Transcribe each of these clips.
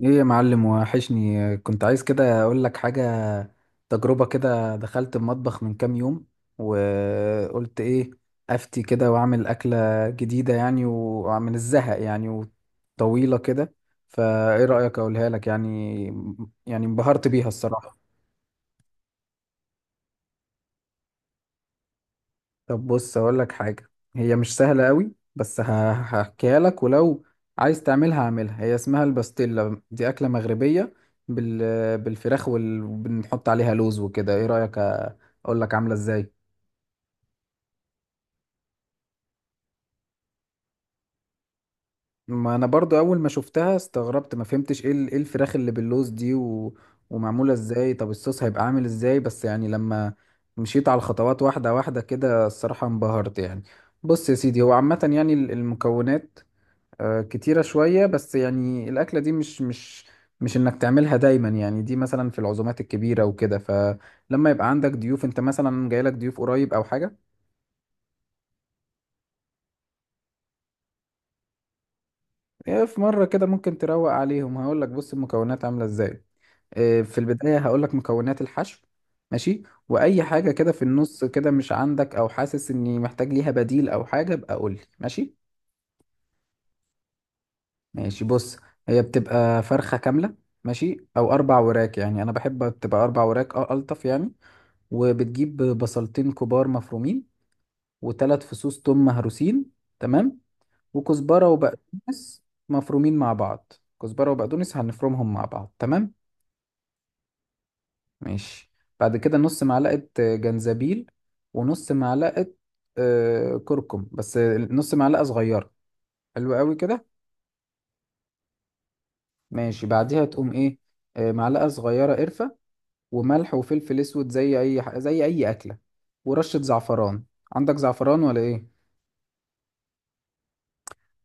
ايه يا معلم، وحشني. كنت عايز كده اقول لك حاجة. تجربة كده، دخلت المطبخ من كام يوم وقلت ايه، افتي كده واعمل اكلة جديدة يعني، ومن الزهق يعني وطويلة كده. فايه رأيك اقولها لك يعني؟ يعني انبهرت بيها الصراحة. طب بص اقول لك حاجه. هي مش سهله قوي، بس هحكيها لك، ولو عايز تعملها هعملها. هي اسمها الباستيلا، دي اكله مغربيه بالفراخ، وال... وبنحط عليها لوز وكده. ايه رايك اقول لك عامله ازاي؟ ما انا برضو اول ما شفتها استغربت، ما فهمتش ايه ايه الفراخ اللي باللوز دي ومعموله ازاي، طب الصوص هيبقى عامل ازاي. بس يعني لما مشيت على الخطوات واحده واحده كده، الصراحه انبهرت يعني. بص يا سيدي، هو عامه يعني المكونات كتيرة شوية، بس يعني الأكلة دي مش إنك تعملها دايما يعني. دي مثلا في العزومات الكبيرة وكده، فلما يبقى عندك ضيوف، أنت مثلا جايلك ضيوف قريب أو حاجة. في مرة كده ممكن تروق عليهم. هقولك بص المكونات عاملة إزاي. في البداية هقولك مكونات الحشو. ماشي، وأي حاجة كده في النص كده مش عندك، أو حاسس إني محتاج ليها بديل أو حاجة، ابقى قولي. ماشي، ماشي، بص. هي بتبقى فرخة كاملة، ماشي، أو أربع وراك. يعني أنا بحب تبقى أربع وراك، أه ألطف يعني. وبتجيب بصلتين كبار مفرومين، و3 فصوص توم مهروسين، تمام، وكزبرة وبقدونس مفرومين مع بعض. كزبرة وبقدونس هنفرمهم مع بعض، تمام. ماشي. بعد كده نص معلقة جنزبيل، ونص معلقة كركم، بس نص معلقة صغيرة. حلو قوي كده. ماشي، بعديها تقوم ايه، معلقة صغيرة قرفة، وملح وفلفل اسود زي اي زي اي اكلة، ورشة زعفران. عندك زعفران ولا ايه؟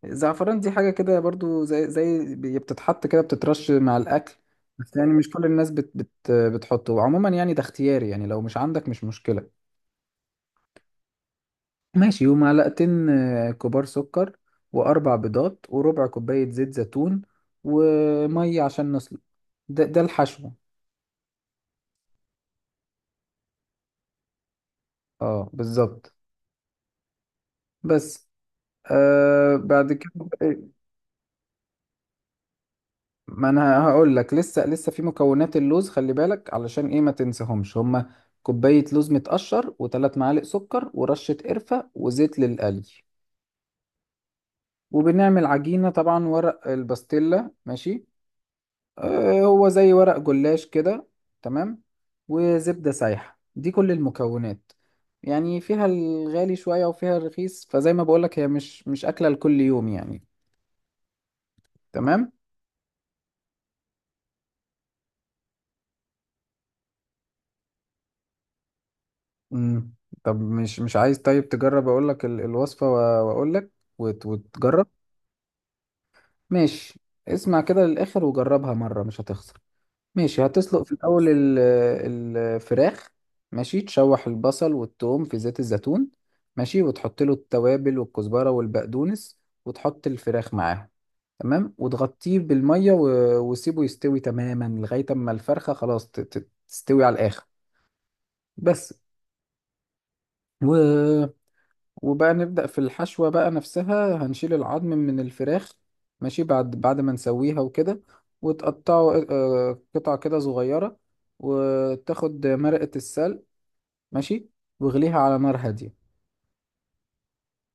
زعفران دي حاجة كده برضو، زي بتتحط كده، بتترش مع الأكل، بس يعني مش كل الناس بت بت بتحطه. وعموما يعني ده اختياري يعني، لو مش عندك مش مشكلة. ماشي. ومعلقتين كبار سكر، و4 بيضات، وربع كوباية زيت زيتون، ومية عشان نسلق. ده ده الحشو. اه بالظبط. بس. آه بعد كده، ما انا هقول لك. لسه لسه في مكونات اللوز، خلي بالك علشان ايه ما تنساهمش هما. كوباية لوز متقشر، و3 معالق سكر، ورشة قرفة، وزيت للقلي. وبنعمل عجينة طبعا، ورق الباستيلا، ماشي، آه هو زي ورق جلاش كده، تمام، وزبدة سايحة. دي كل المكونات يعني. فيها الغالي شوية وفيها الرخيص، فزي ما بقولك هي مش مش أكلة لكل يوم يعني. تمام. مم. طب مش مش عايز؟ طيب تجرب. اقول لك الوصفة واقول لك، وتجرب. ماشي. اسمع كده للاخر وجربها مرة، مش هتخسر. ماشي، هتسلق في الاول الفراخ. ماشي، تشوح البصل والثوم في زيت الزيتون. ماشي، وتحط له التوابل والكزبرة والبقدونس، وتحط الفراخ معاهم، تمام. وتغطيه بالمية وسيبه يستوي تماما لغاية اما الفرخة خلاص تستوي على الاخر. بس. وبقى نبدأ في الحشوة بقى نفسها. هنشيل العظم من الفراخ، ماشي، بعد ما نسويها وكده، وتقطعه قطع كده صغيرة، وتاخد مرقة السلق، ماشي، واغليها على نار هادية،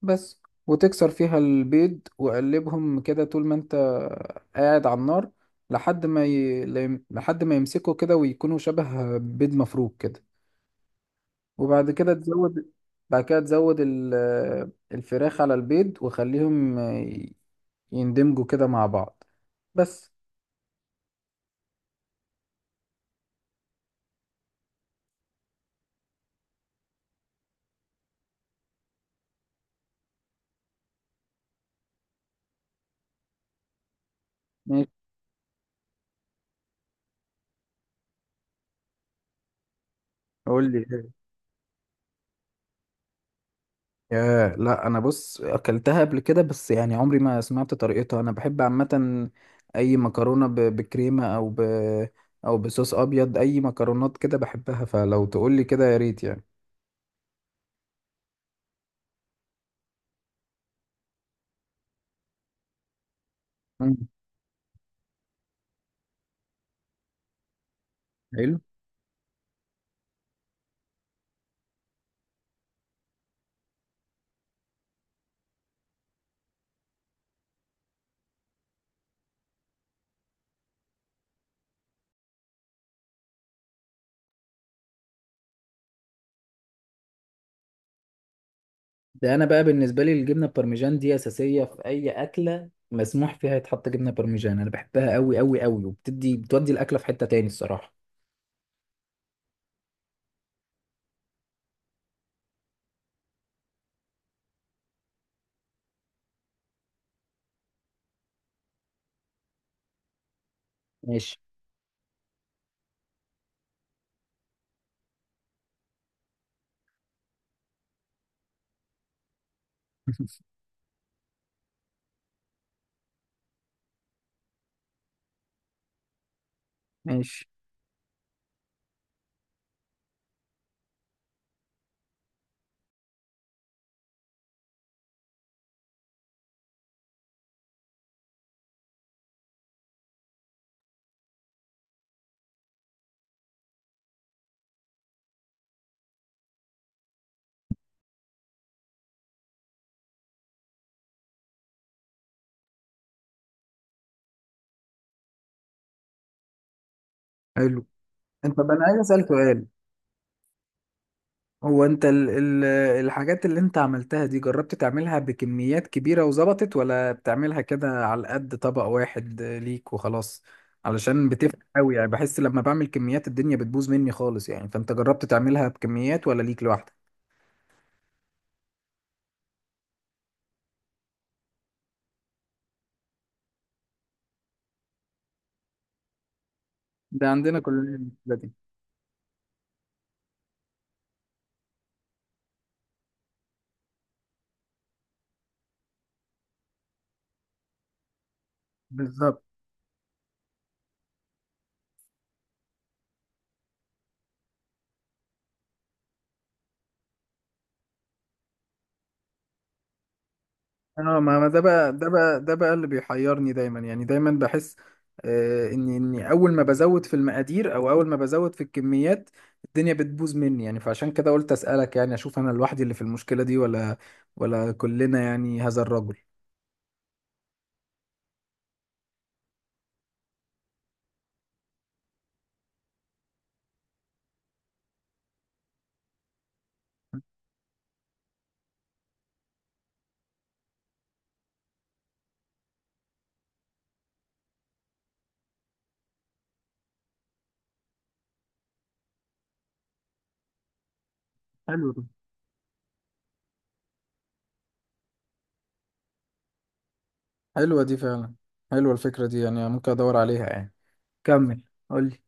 بس، وتكسر فيها البيض وقلبهم كده طول ما انت قاعد على النار، لحد ما لحد ما يمسكوا كده ويكونوا شبه بيض مفروك كده. وبعد كده تزود، بعد كده تزود الفراخ على البيض، وخليهم يندمجوا كده مع بعض. بس. ماشي، قول لي إيه؟ ياه، لا انا بص اكلتها قبل كده، بس يعني عمري ما سمعت طريقتها. انا بحب عامه اي مكرونه بكريمه، او بصوص ابيض. اي مكرونات كده بحبها، فلو تقول لي كده يا ريت يعني. مم. حلو ده. انا بقى بالنسبه لي الجبنه البارميجان دي اساسيه في اي اكله مسموح فيها يتحط جبنه بارميجان. انا بحبها قوي قوي قوي، وبتدي بتودي الاكله في حته تاني الصراحه. ماشي. ماشي. حلو. انت بقى، انا عايز اسالك سؤال. هو انت ال ال الحاجات اللي انت عملتها دي، جربت تعملها بكميات كبيرة وظبطت؟ ولا بتعملها كده على قد طبق واحد ليك وخلاص؟ علشان بتفرق قوي يعني. بحس لما بعمل كميات الدنيا بتبوظ مني خالص يعني. فانت جربت تعملها بكميات ولا ليك لوحدك؟ ده عندنا كلنا. بالظبط. اه، ما ده بقى، ده بقى، ده بقى اللي بيحيرني دايما يعني. دايما بحس آه اني اول ما بزود في المقادير، او اول ما بزود في الكميات، الدنيا بتبوظ مني يعني. فعشان كده قلت اسالك يعني، اشوف انا لوحدي اللي في المشكله دي ولا كلنا يعني، هذا الرجل. حلو ده. حلوه دي فعلا. حلوه الفكره دي يعني، ممكن ادور عليها يعني. كمل، قول لي.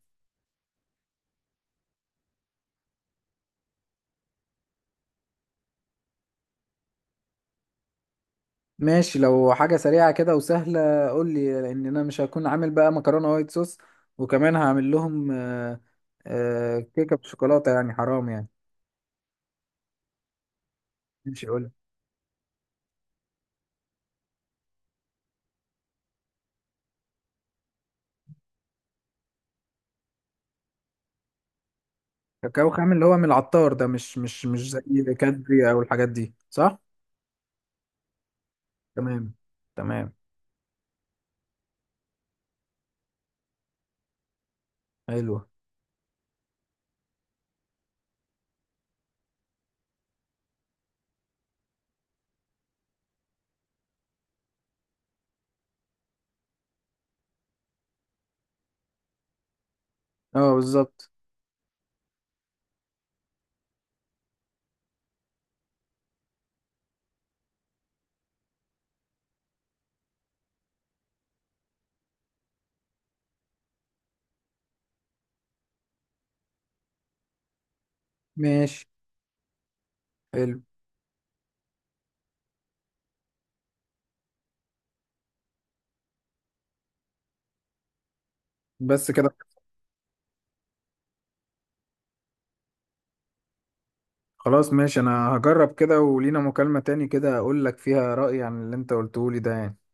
ماشي، لو حاجة سريعة كده وسهلة قول لي، لأن أنا مش هكون عامل بقى مكرونة وايت صوص، وكمان هعمل لهم كيكة بالشوكولاتة يعني حرام يعني. ماشي قول لي. كاكاو خام اللي هو من العطار ده، مش مش مش زي كادري أو الحاجات دي، صح؟ تمام. تمام. حلوة. اه بالظبط. ماشي. حلو. بس كده. خلاص ماشي، أنا هجرب كده، ولينا مكالمة تاني كده أقول لك فيها رأيي عن اللي أنت قلته لي ده يعني.